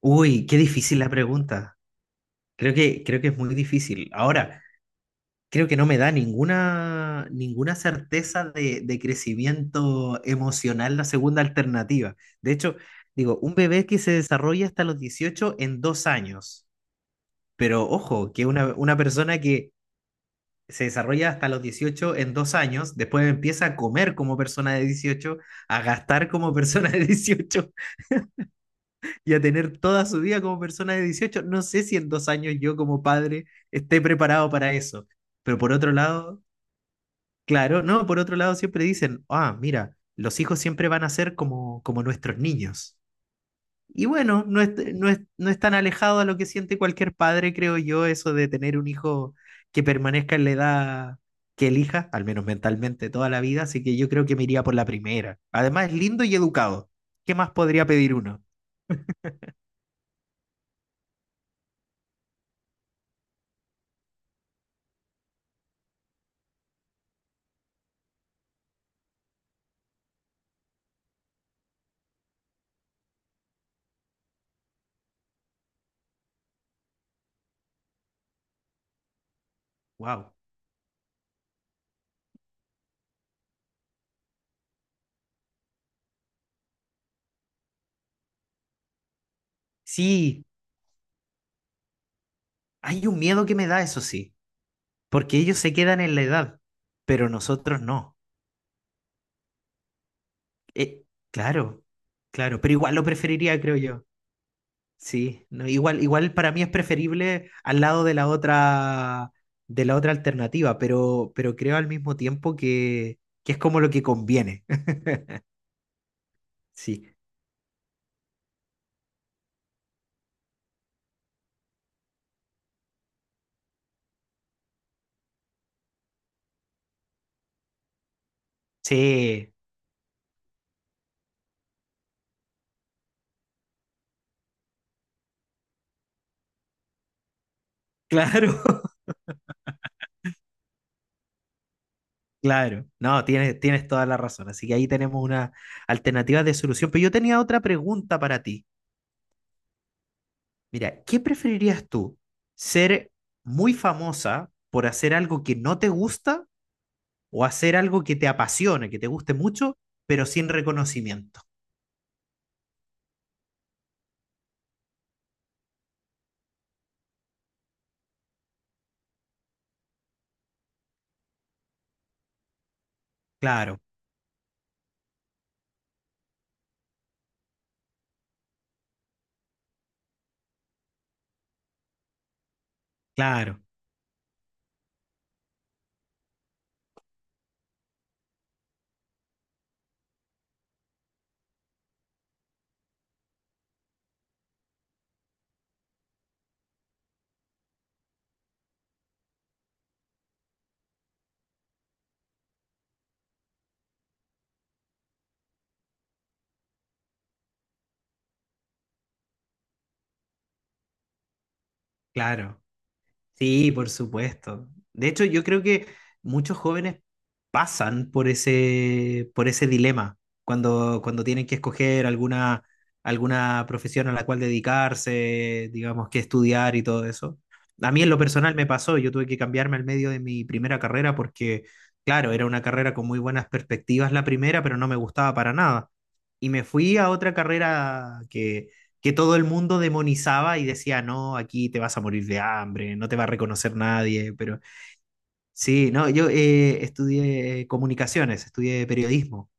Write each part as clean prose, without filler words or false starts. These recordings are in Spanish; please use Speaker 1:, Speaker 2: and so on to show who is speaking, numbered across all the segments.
Speaker 1: Uy, qué difícil la pregunta. Creo que es muy difícil. Ahora, creo que no me da ninguna certeza de crecimiento emocional la segunda alternativa. De hecho, digo, un bebé que se desarrolla hasta los 18 en 2 años. Pero ojo, que una persona que se desarrolla hasta los 18 en dos años, después empieza a comer como persona de 18, a gastar como persona de dieciocho y a tener toda su vida como persona de 18. No sé si en 2 años yo como padre esté preparado para eso. Pero por otro lado, claro, no, por otro lado siempre dicen, ah, mira, los hijos siempre van a ser como nuestros niños. Y bueno, no es tan alejado a lo que siente cualquier padre, creo yo, eso de tener un hijo que permanezca en la edad que elija, al menos mentalmente, toda la vida. Así que yo creo que me iría por la primera. Además, es lindo y educado. ¿Qué más podría pedir uno? Wow. Sí, hay un miedo que me da, eso sí, porque ellos se quedan en la edad, pero nosotros no. Eh, claro, claro, pero igual lo preferiría, creo yo. Sí, no, igual para mí es preferible al lado de la otra alternativa, pero, creo al mismo tiempo que es como lo que conviene. Sí, sí, claro, claro. No, tienes toda la razón. Así que ahí tenemos una alternativa de solución. Pero yo tenía otra pregunta para ti. Mira, ¿qué preferirías tú? ¿Ser muy famosa por hacer algo que no te gusta o hacer algo que te apasione, que te guste mucho, pero sin reconocimiento? Claro, claro, claro. Sí, por supuesto. De hecho, yo creo que muchos jóvenes pasan por ese dilema cuando tienen que escoger alguna profesión a la cual dedicarse, digamos, que estudiar y todo eso. A mí en lo personal me pasó. Yo tuve que cambiarme al medio de mi primera carrera porque, claro, era una carrera con muy buenas perspectivas la primera, pero no me gustaba para nada. Y me fui a otra carrera que todo el mundo demonizaba y decía, no, aquí te vas a morir de hambre, no te va a reconocer nadie, pero sí, no, yo estudié comunicaciones, estudié periodismo.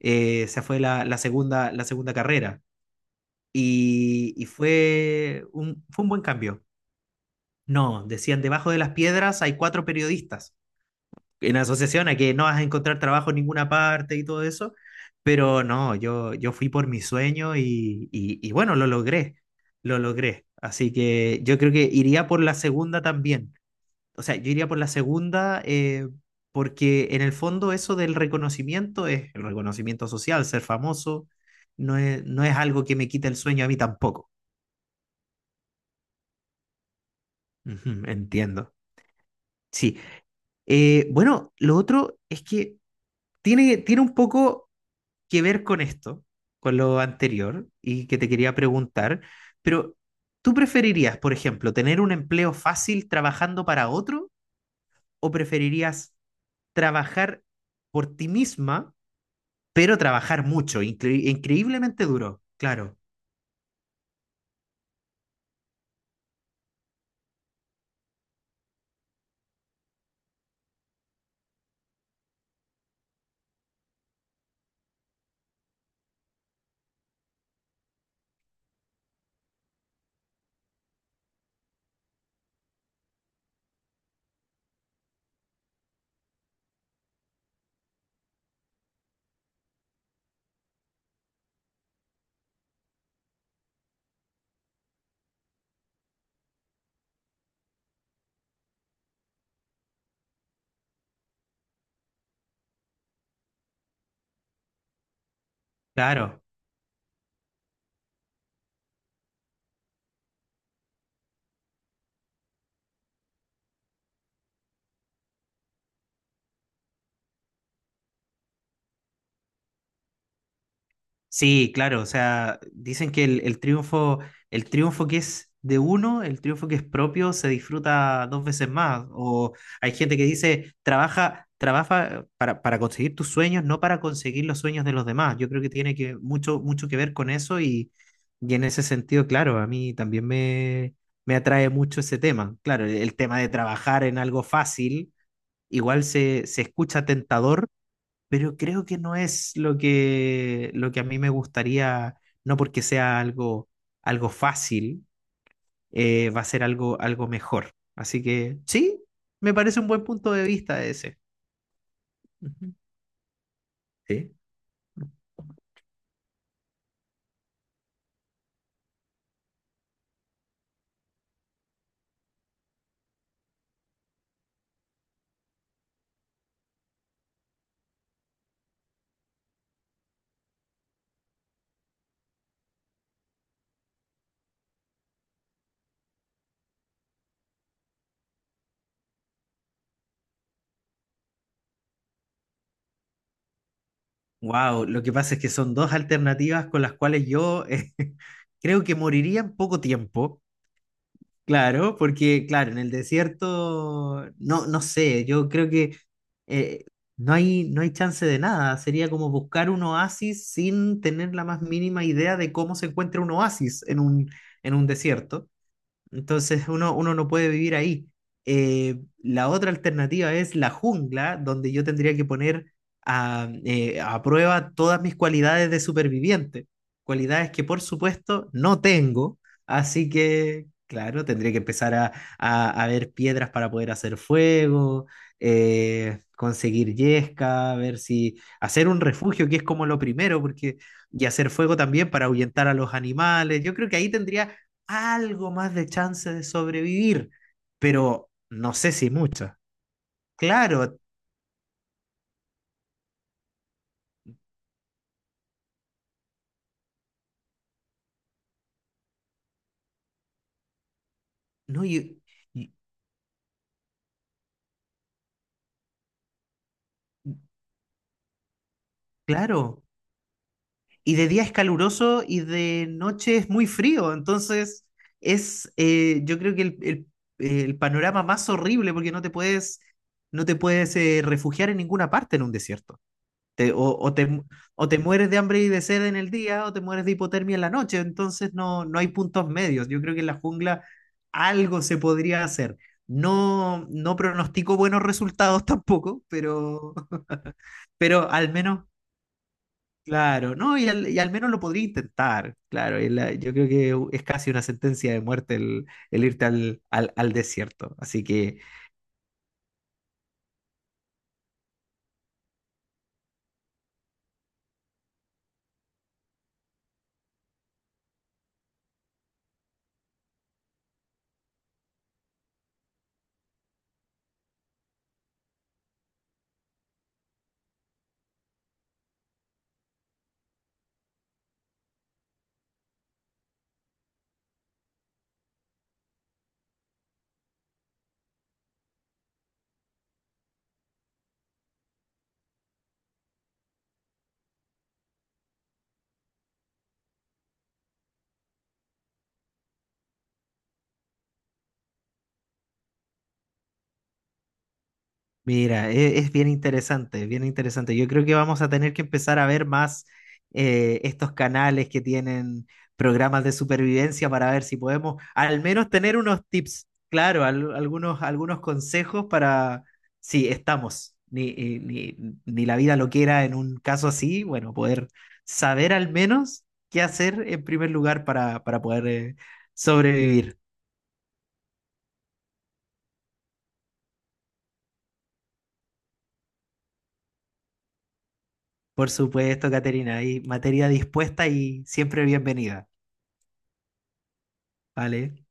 Speaker 1: Esa fue la segunda carrera y fue un buen cambio. No, decían, debajo de las piedras hay cuatro periodistas. En asociación a que no vas a encontrar trabajo en ninguna parte y todo eso, pero no, yo fui por mi sueño y bueno, lo logré, lo logré. Así que yo creo que iría por la segunda también. O sea, yo iría por la segunda porque en el fondo eso del reconocimiento es el reconocimiento social, ser famoso, no es algo que me quite el sueño a mí tampoco. Ujú, entiendo. Sí. Bueno, lo otro es que tiene un poco que ver con esto, con lo anterior, y que te quería preguntar, pero ¿tú preferirías, por ejemplo, tener un empleo fácil trabajando para otro, o preferirías trabajar por ti misma, pero trabajar mucho, increíblemente duro? Claro, claro. Sí, claro, o sea, dicen que el triunfo, el triunfo que es de uno, el triunfo que es propio, se disfruta dos veces más. O hay gente que dice, trabaja para conseguir tus sueños, no para conseguir los sueños de los demás. Yo creo que tiene que mucho, mucho que ver con eso y en ese sentido, claro, a mí también me atrae mucho ese tema. Claro, el tema de trabajar en algo fácil, igual se escucha tentador, pero creo que no es lo que a mí me gustaría, no porque sea algo fácil, va a ser algo mejor. Así que sí, me parece un buen punto de vista ese. Ujú. Sí. Wow, lo que pasa es que son dos alternativas con las cuales yo creo que moriría en poco tiempo. Claro, porque claro, en el desierto, no, no sé, yo creo que eh, no hay chance de nada. Sería como buscar un oasis sin tener la más mínima idea de cómo se encuentra un oasis en un desierto. Entonces uno no puede vivir ahí. Eh, la otra alternativa es la jungla, donde yo tendría que poner a prueba todas mis cualidades de superviviente, cualidades que por supuesto no tengo, así que, claro, tendría que empezar a ver piedras para poder hacer fuego, conseguir yesca, ver si hacer un refugio, que es como lo primero, porque y hacer fuego también para ahuyentar a los animales. Yo creo que ahí tendría algo más de chance de sobrevivir, pero no sé si mucha. Claro, no, y- claro. Y de día es caluroso y de noche es muy frío, entonces yo creo que el panorama más horrible, porque no te puedes, no te puedes refugiar en ninguna parte en un desierto. Te- o, o te, mu- o te mueres de hambre y de sed en el día, o te mueres de hipotermia en la noche. Entonces no, no hay puntos medios. Yo creo que en la jungla algo se podría hacer. No, no pronostico buenos resultados tampoco, pero, pero al menos, claro, no, y al menos lo podría intentar. Claro, yo creo que es casi una sentencia de muerte el irte al desierto. Así que. Mira, es bien interesante, bien interesante. Yo creo que vamos a tener que empezar a ver más estos canales que tienen programas de supervivencia para ver si podemos al menos tener unos tips, claro, algunos consejos para si estamos, ni, ni, ni- ni la vida lo quiera en un caso así, bueno, poder saber al menos qué hacer en primer lugar para, poder sobrevivir. Por supuesto, Caterina, hay materia dispuesta y siempre bienvenida. Vale.